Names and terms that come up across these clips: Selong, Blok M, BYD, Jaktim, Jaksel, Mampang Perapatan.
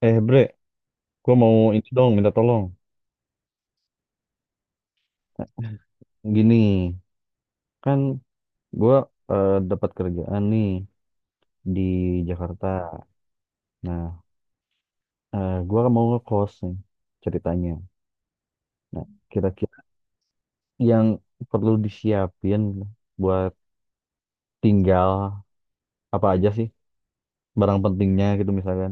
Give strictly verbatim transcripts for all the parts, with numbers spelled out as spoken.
Eh bre, gue mau ini dong minta tolong. Gini, kan gue dapat kerjaan nih di Jakarta. Nah, eh, gua kan mau ngekos nih ceritanya. Nah, kira-kira yang perlu disiapin buat tinggal apa aja sih barang pentingnya gitu misalkan.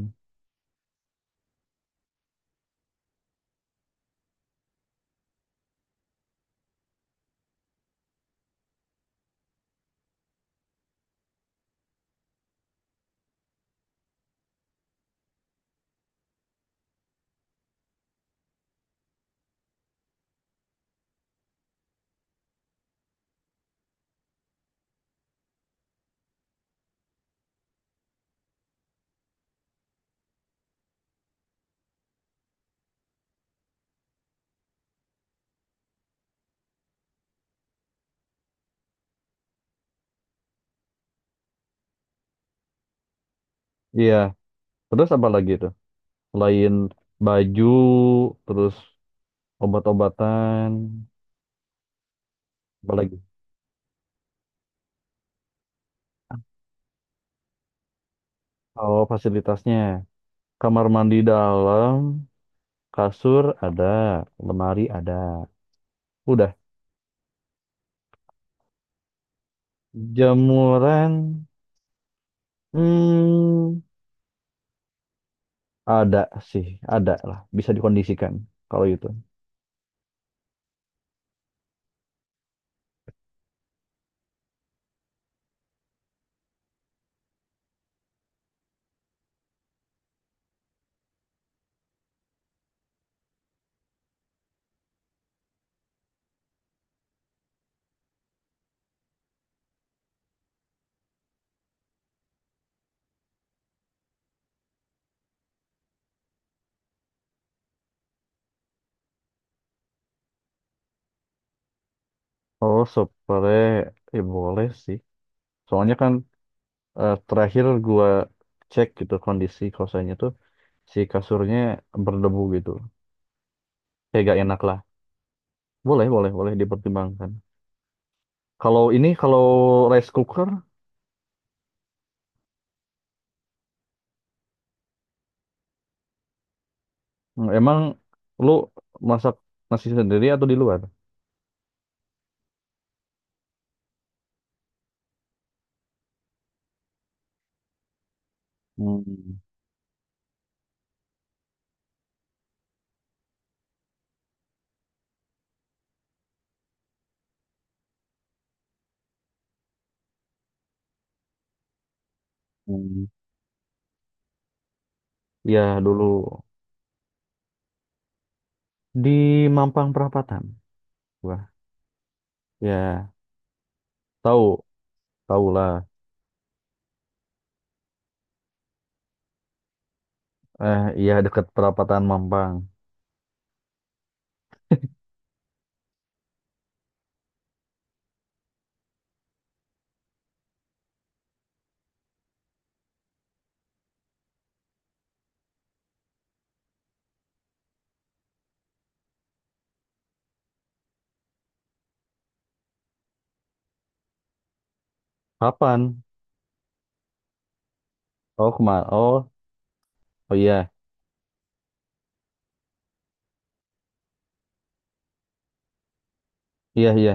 Iya, terus apa lagi tuh? Selain baju, terus obat-obatan, apa lagi? Oh, fasilitasnya. Kamar mandi dalam, kasur ada, lemari ada. Udah. Jemuran, hmm, ada sih, ada lah. Bisa dikondisikan kalau itu. Oh, spray, ya boleh sih. Soalnya kan eh, terakhir gua cek gitu kondisi kosannya tuh si kasurnya berdebu gitu. Kayak gak enak lah. Boleh, boleh, boleh dipertimbangkan. Kalau ini, kalau rice cooker, hmm, emang lu masak nasi sendiri atau di luar? Hmm. Hmm. Ya dulu di Mampang Perapatan. Wah, ya tahu, tahu lah. Eh, iya dekat perapatan Mampang. Kapan? Oh, kemar. Oh, oh iya, iya iya.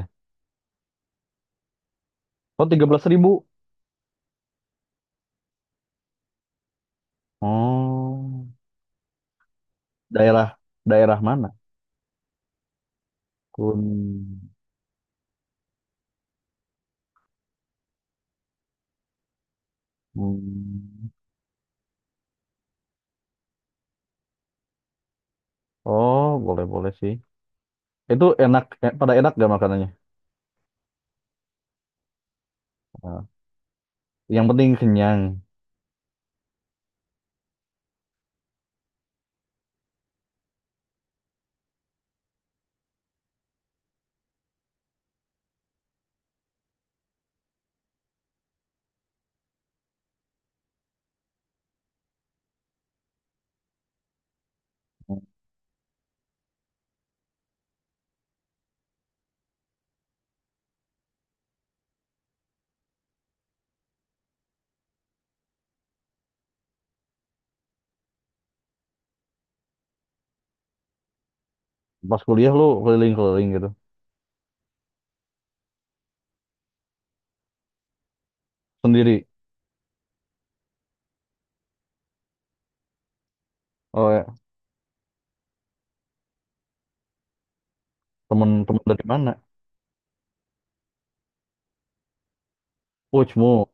Oh, tiga belas ribu. Oh, daerah daerah mana? Kun. Hmm. Oh, boleh boleh sih. Itu enak, eh, pada enak gak makanannya? Nah, yang penting kenyang. Pas kuliah lu keliling-keliling gitu, sendiri. Oh, ya. Temen-temen dari mana? Oh, cemu.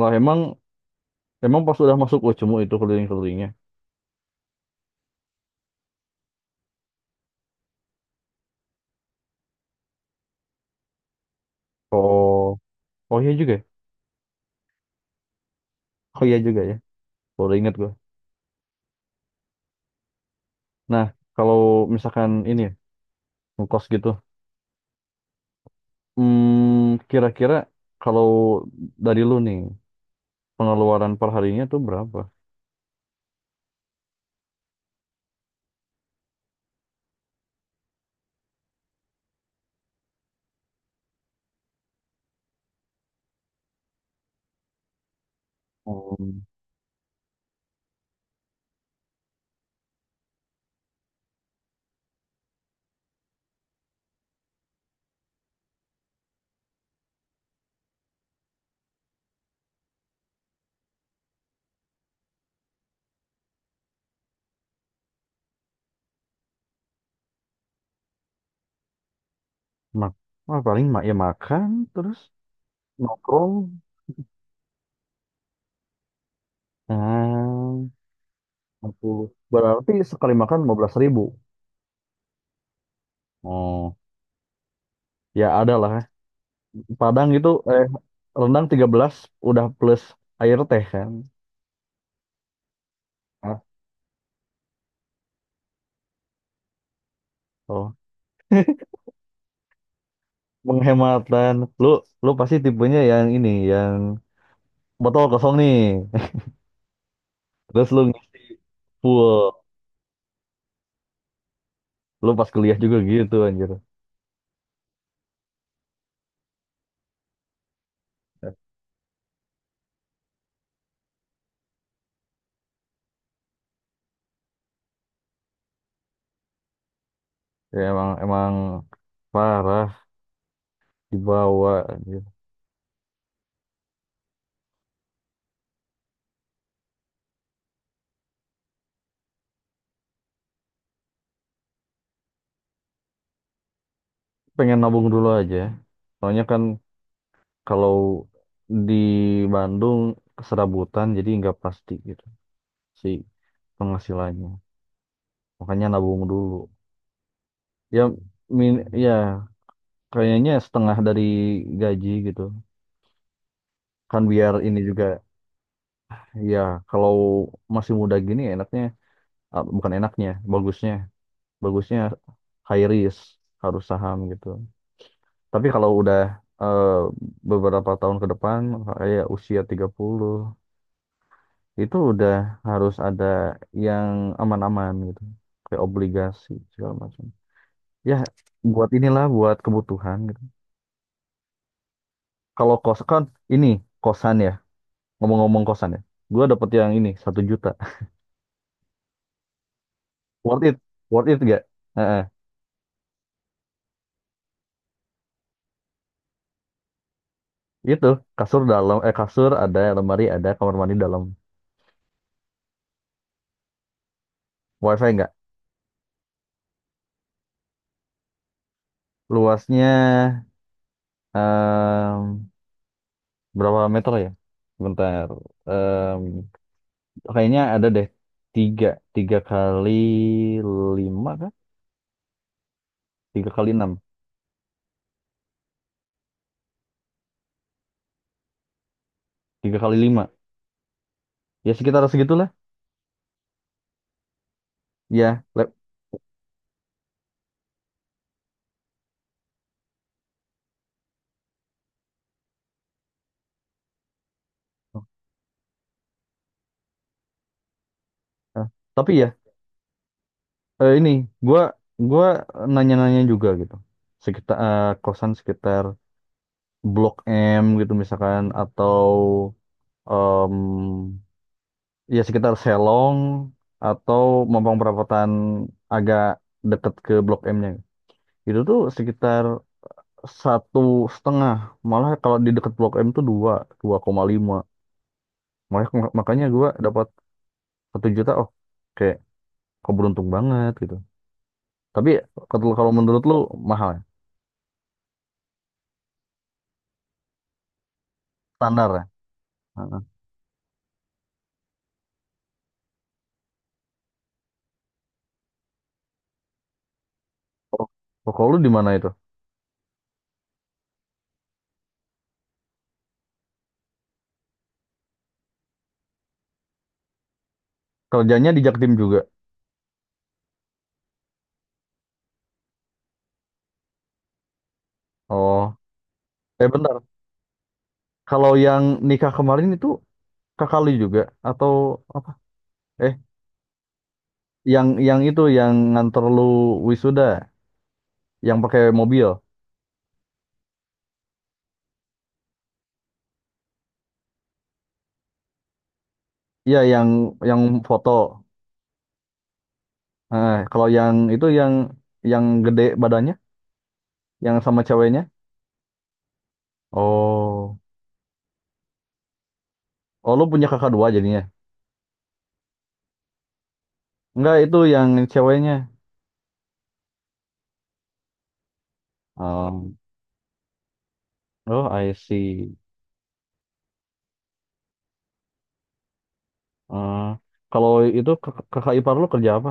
Lah emang Emang pas udah masuk Ucemu itu keliling-kelilingnya. Oh, oh iya juga. ya. Oh iya juga ya. Baru ingat gua. Nah, kalau misalkan ini ya, ngekos gitu. Hmm, kira-kira kalau dari lu nih, pengeluaran per harinya tuh berapa? Hmm, mak wah, paling mak ya makan terus nongkrong. Ah, Nah, puluh. Berarti sekali makan lima belas ribu. Oh, ya ada lah. Padang itu eh rendang tiga belas udah plus air teh kan. Ah. Oh, menghemat dan lu lu pasti tipenya yang ini yang botol kosong nih. Terus lu full. Lu pas kuliah juga gitu anjir. Ya emang emang parah dibawa anjir. Pengen nabung dulu aja. Soalnya kan kalau di Bandung keserabutan jadi nggak pasti gitu si penghasilannya. Makanya nabung dulu. Ya min ya kayaknya setengah dari gaji gitu. Kan biar ini juga. Iya, kalau masih muda gini enaknya, ah, bukan enaknya, bagusnya, bagusnya high risk harus saham gitu. Tapi kalau udah eh, beberapa tahun ke depan kayak usia tiga puluh itu udah harus ada yang aman-aman gitu. Kayak obligasi segala macam. Ya, buat inilah buat kebutuhan gitu. Kalau kos kan ini kosan ya. Ngomong-ngomong kosan ya. Gue dapet yang ini satu juta. Worth it. Worth it gak? Itu kasur dalam, eh kasur ada, lemari ada, kamar mandi dalam. WiFi nggak. Luasnya em, berapa meter ya? Bentar. Em, kayaknya ada deh tiga, tiga kali lima kah? Tiga kali enam, tiga kali lima. Ya sekitar segitulah. Ya, lab. eh, tapi ya eh, ini gua gua nanya-nanya juga gitu. Sekitar eh, kosan sekitar Blok M gitu misalkan atau em, ya sekitar Selong atau Mampang Perapatan agak deket ke Blok M-nya. Itu tuh sekitar satu setengah. Malah kalau di deket Blok M tuh dua, 2,5. Makanya makanya gue dapat satu juta. Oh, kayak kok beruntung banget gitu. Tapi kalau kalau menurut lu mahal ya? Standar ya? Heeh. Oh, oh, kalau lu di mana itu? Kerjanya di Jaktim juga. Oh, eh bentar. Kalau yang nikah kemarin itu kakak lu juga atau apa? Eh, yang yang itu yang nganter lu wisuda yang pakai mobil, iya yang yang foto. Nah, kalau yang itu yang yang gede badannya yang sama ceweknya. Oh, oh, lu punya kakak dua jadinya. Enggak, itu yang ceweknya. Oh, oh, I see. Eh, kalau itu kak- kakak ipar lu kerja apa?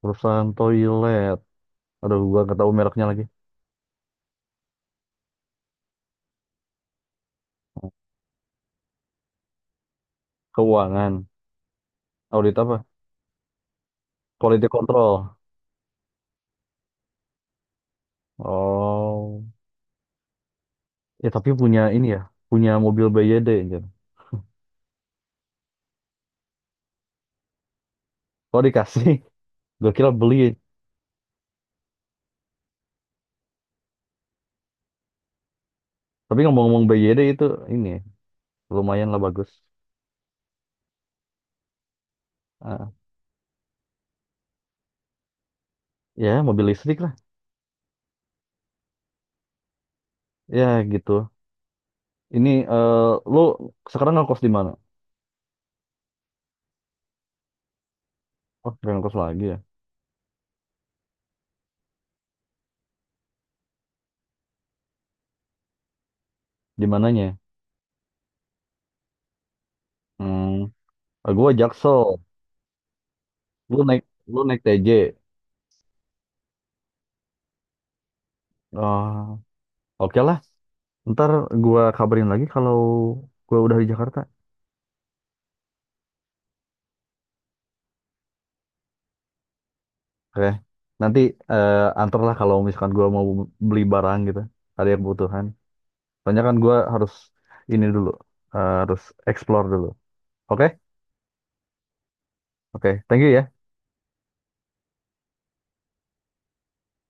Perusahaan toilet, aduh gua nggak tahu mereknya lagi. Keuangan, audit apa, quality control? Oh. Ya tapi punya ini ya, punya mobil B Y D anjir. Kalau dikasih, gue kira beli. Tapi ngomong-ngomong B Y D itu ini lumayan lah bagus. Ah, ya mobil listrik lah. Ya gitu. Ini eh lu sekarang ngekos di mana? Oh, gak ngekos lagi ya. Di mananya? Hmm, gue Jaksel. Lu naik lu naik T J. Ah, oke lah. Ntar gua kabarin lagi kalau gua udah di Jakarta. Oke. Nanti eh antar lah kalau misalkan gua mau beli barang gitu. Ada yang kebutuhan. Soalnya kan gue harus ini dulu, eh, harus explore dulu. Oke, Oke, Thank you ya.